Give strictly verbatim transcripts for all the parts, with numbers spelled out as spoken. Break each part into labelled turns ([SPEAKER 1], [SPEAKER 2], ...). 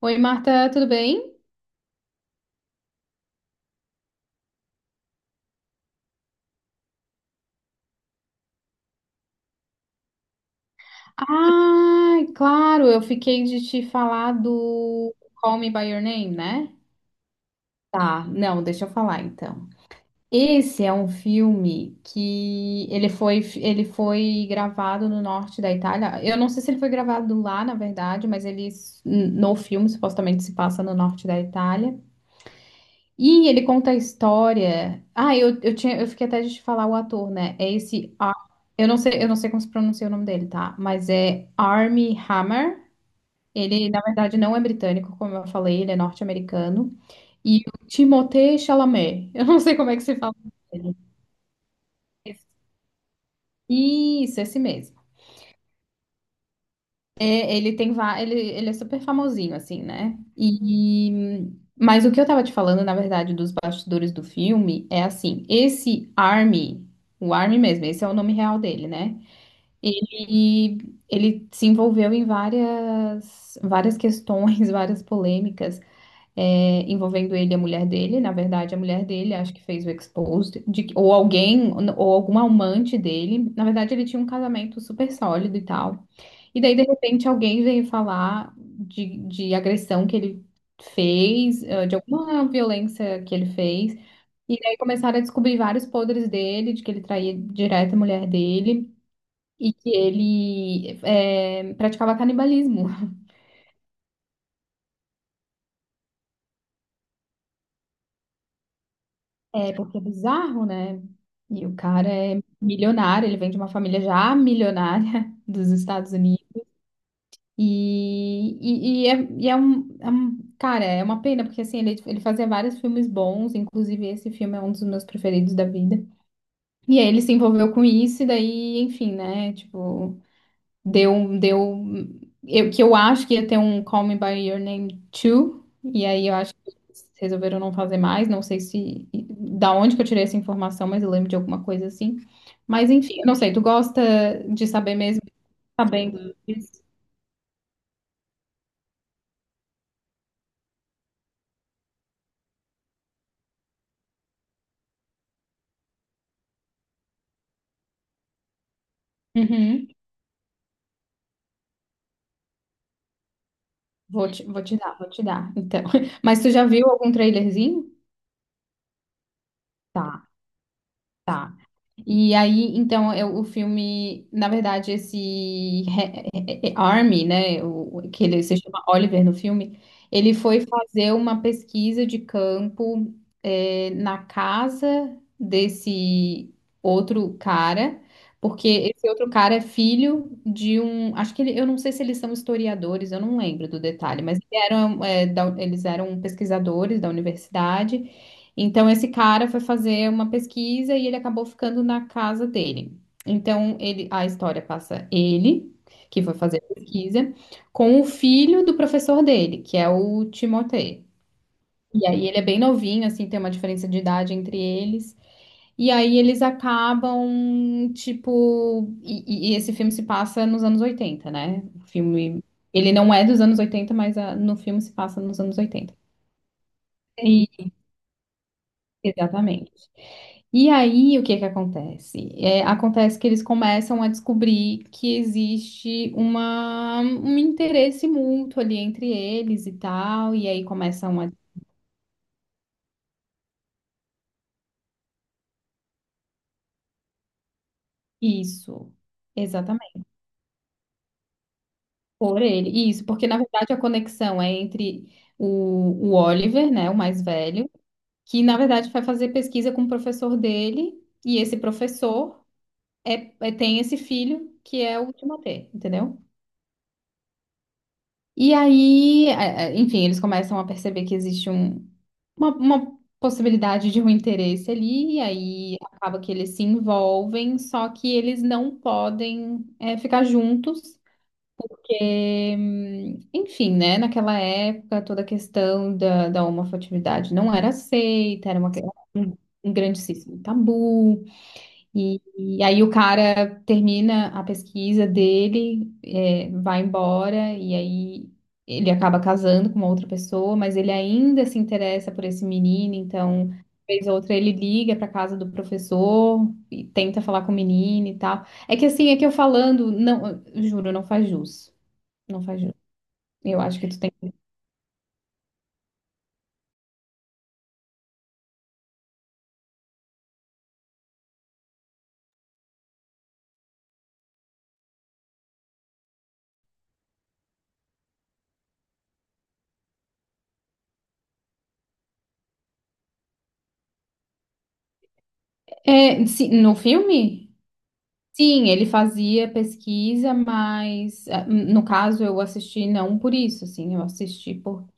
[SPEAKER 1] Oi, Marta, tudo bem? Ah, claro, eu fiquei de te falar do Call Me By Your Name, né? Tá, não, deixa eu falar então. Esse é um filme que ele foi, ele foi gravado no norte da Itália. Eu não sei se ele foi gravado lá, na verdade, mas ele no filme supostamente se passa no norte da Itália. E ele conta a história. Ah, eu, eu tinha, eu fiquei até de te falar o ator, né? É esse. Ar- Eu não sei, eu não sei como se pronuncia o nome dele, tá? Mas é Armie Hammer. Ele, na verdade, não é britânico, como eu falei, ele é norte-americano. E o Timothée Chalamet. Eu não sei como é que se fala o nome dele. Isso, esse mesmo. Ele tem va- ele, ele é super famosinho, assim, né? E, mas o que eu tava te falando, na verdade, dos bastidores do filme é assim, esse Army, o Army mesmo, esse é o nome real dele, né? Ele, ele se envolveu em várias, várias questões, várias polêmicas, é, envolvendo ele e a mulher dele. Na verdade, a mulher dele acho que fez o exposed, de que- ou alguém, ou algum amante dele. Na verdade, ele tinha um casamento super sólido e tal. E daí, de repente, alguém veio falar de, de agressão que ele fez, eh, de alguma violência que ele fez. E daí começaram a descobrir vários podres dele, de que ele traía direto a mulher dele e que ele eh, praticava canibalismo. É, porque é bizarro, né? E o cara é milionário, ele vem de uma família já milionária dos Estados Unidos. E, e, e é, e é um, é um- cara, é uma pena, porque assim, ele, ele fazia vários filmes bons, inclusive esse filme é um dos meus preferidos da vida. E aí ele se envolveu com isso, e daí, enfim, né? Tipo, deu, deu. Eu, que eu acho que ia ter um Call Me By Your Name dois, e aí eu acho que eles resolveram não fazer mais. Não sei se. Da onde que eu tirei essa informação, mas eu lembro de alguma coisa assim. Mas enfim, eu não sei, tu gosta de saber mesmo, sabendo disso? Vou te, vou te dar, vou te dar. Então, mas tu já viu algum trailerzinho? Tá, tá. E aí, então, eu- o filme, na verdade, esse re- é- é- Army, né, o, o- que ele se chama Oliver no filme, ele foi fazer uma pesquisa de campo, é, na casa desse outro cara, porque esse outro cara é filho de um, acho que ele, eu não sei se eles são historiadores, eu não lembro do detalhe, mas eles eram, é, da- eles eram pesquisadores da universidade. Então, esse cara foi fazer uma pesquisa e ele acabou ficando na casa dele. Então, ele, a história passa ele, que foi fazer a pesquisa, com o filho do professor dele, que é o Timothée. E aí, ele é bem novinho, assim, tem uma diferença de idade entre eles. E aí, eles acabam, tipo. E, e- e esse filme se passa nos anos oitenta, né? O filme. Ele não é dos anos oitenta, mas ah, no filme se passa nos anos oitenta. Exatamente. E aí, o que que acontece? É, acontece que eles começam a descobrir que existe uma, um interesse mútuo ali entre eles e tal, e aí começam a… Isso, exatamente, por ele. Isso, porque na verdade a conexão é entre o, o Oliver, né, o mais velho, que na verdade vai fazer pesquisa com o professor dele, e esse professor é, é- tem esse filho que é o Timothée, entendeu? E aí, é, é, enfim, eles começam a perceber que existe um, uma, uma possibilidade de um interesse ali, e aí acaba que eles se envolvem, só que eles não podem é, ficar juntos, porque, hum, enfim, né, naquela época toda a questão da, da homoafetividade não era aceita, era uma, que- um, um grandíssimo tabu. E, e aí o cara termina a pesquisa dele, é, vai embora, e aí ele acaba casando com uma outra pessoa, mas ele ainda se interessa por esse menino, então, vez ou outra, ele liga para casa do professor e tenta falar com o menino e tal. É que assim, é que eu falando, não, eu juro, não faz jus. Não faz jus. Eu acho que tu tem. É, se- no filme? Sim, ele fazia pesquisa, mas eh, no caso eu assisti não por isso, assim, eu assisti porque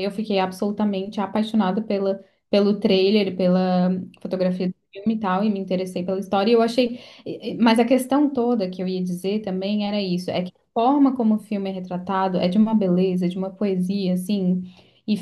[SPEAKER 1] eu fiquei absolutamente apaixonada pela, pelo trailer, pela fotografia do filme e tal, e me interessei pela história. E eu achei, eh, eh, mas a questão toda que eu ia dizer também era isso, é que a forma como o filme é retratado é de uma beleza, de uma poesia, assim, e,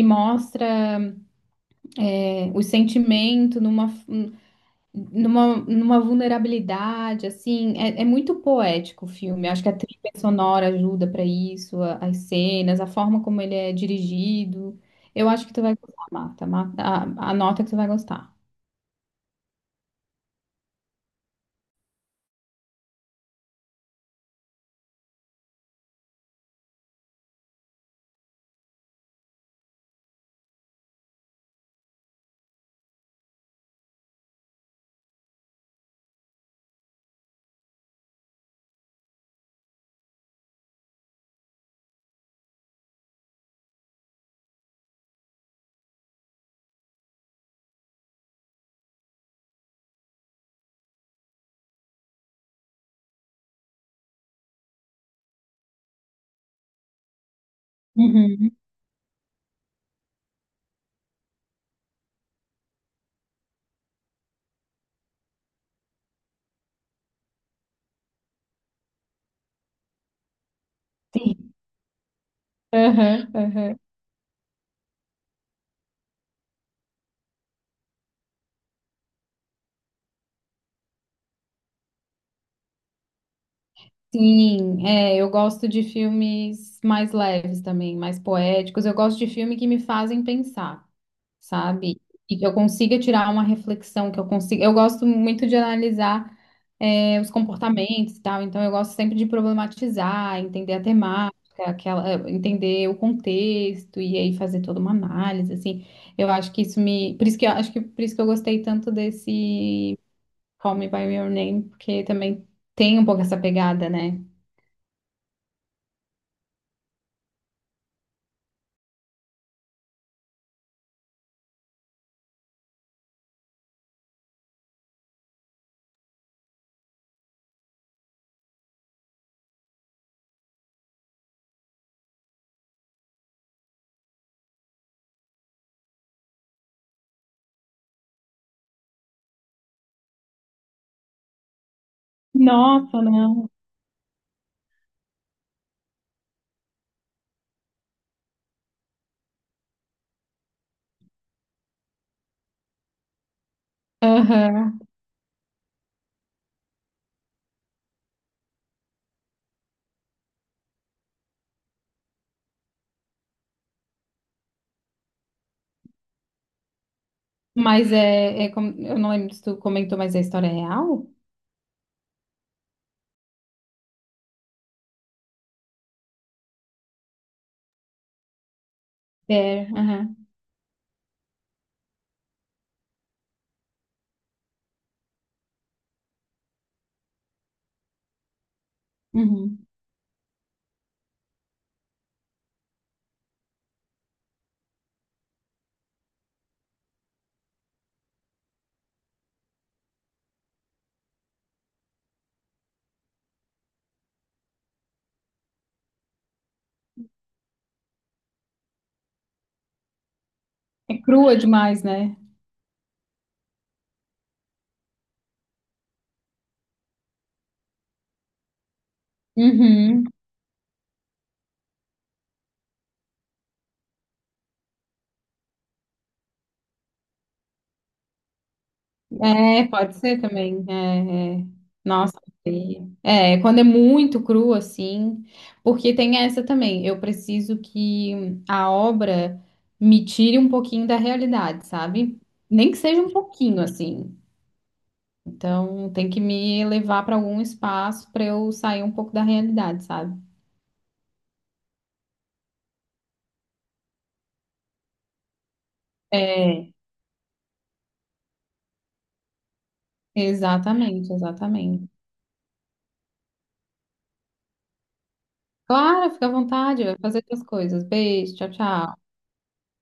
[SPEAKER 1] e mostra eh, o sentimento numa, numa, numa vulnerabilidade, assim, é, é muito poético o filme. Acho que a trilha sonora ajuda pra isso, a- as cenas, a forma como ele é dirigido. Eu acho que tu vai gostar, Marta. Marta, a, a nota que tu vai gostar. Uhum. Sim. Aham, aham. Sim, é, eu gosto de filmes mais leves também, mais poéticos. Eu gosto de filme que me fazem pensar, sabe? E que eu consiga tirar uma reflexão, que eu consiga. Eu gosto muito de analisar, é, os comportamentos e tal, então eu gosto sempre de problematizar, entender a temática, aquela, eh, entender o contexto e aí fazer toda uma análise, assim. Eu acho que isso me. Por isso que eu acho que por isso que eu gostei tanto desse Call Me by Your Name, porque também tem um pouco essa pegada, né? Nossa, não. Aham. Mas é, é como, eu não lembro se tu comentou, mas é história real? É, aham. Uhum. É crua demais, né? Uhum. É, pode ser também. É, é. Nossa, feia. É, quando é muito cru assim, porque tem essa também. Eu preciso que a obra me tire um pouquinho da realidade, sabe? Nem que seja um pouquinho assim. Então, tem que me levar para algum espaço para eu sair um pouco da realidade, sabe? É, exatamente, exatamente. Claro, fica à vontade, vai fazer outras coisas. Beijo, tchau, tchau.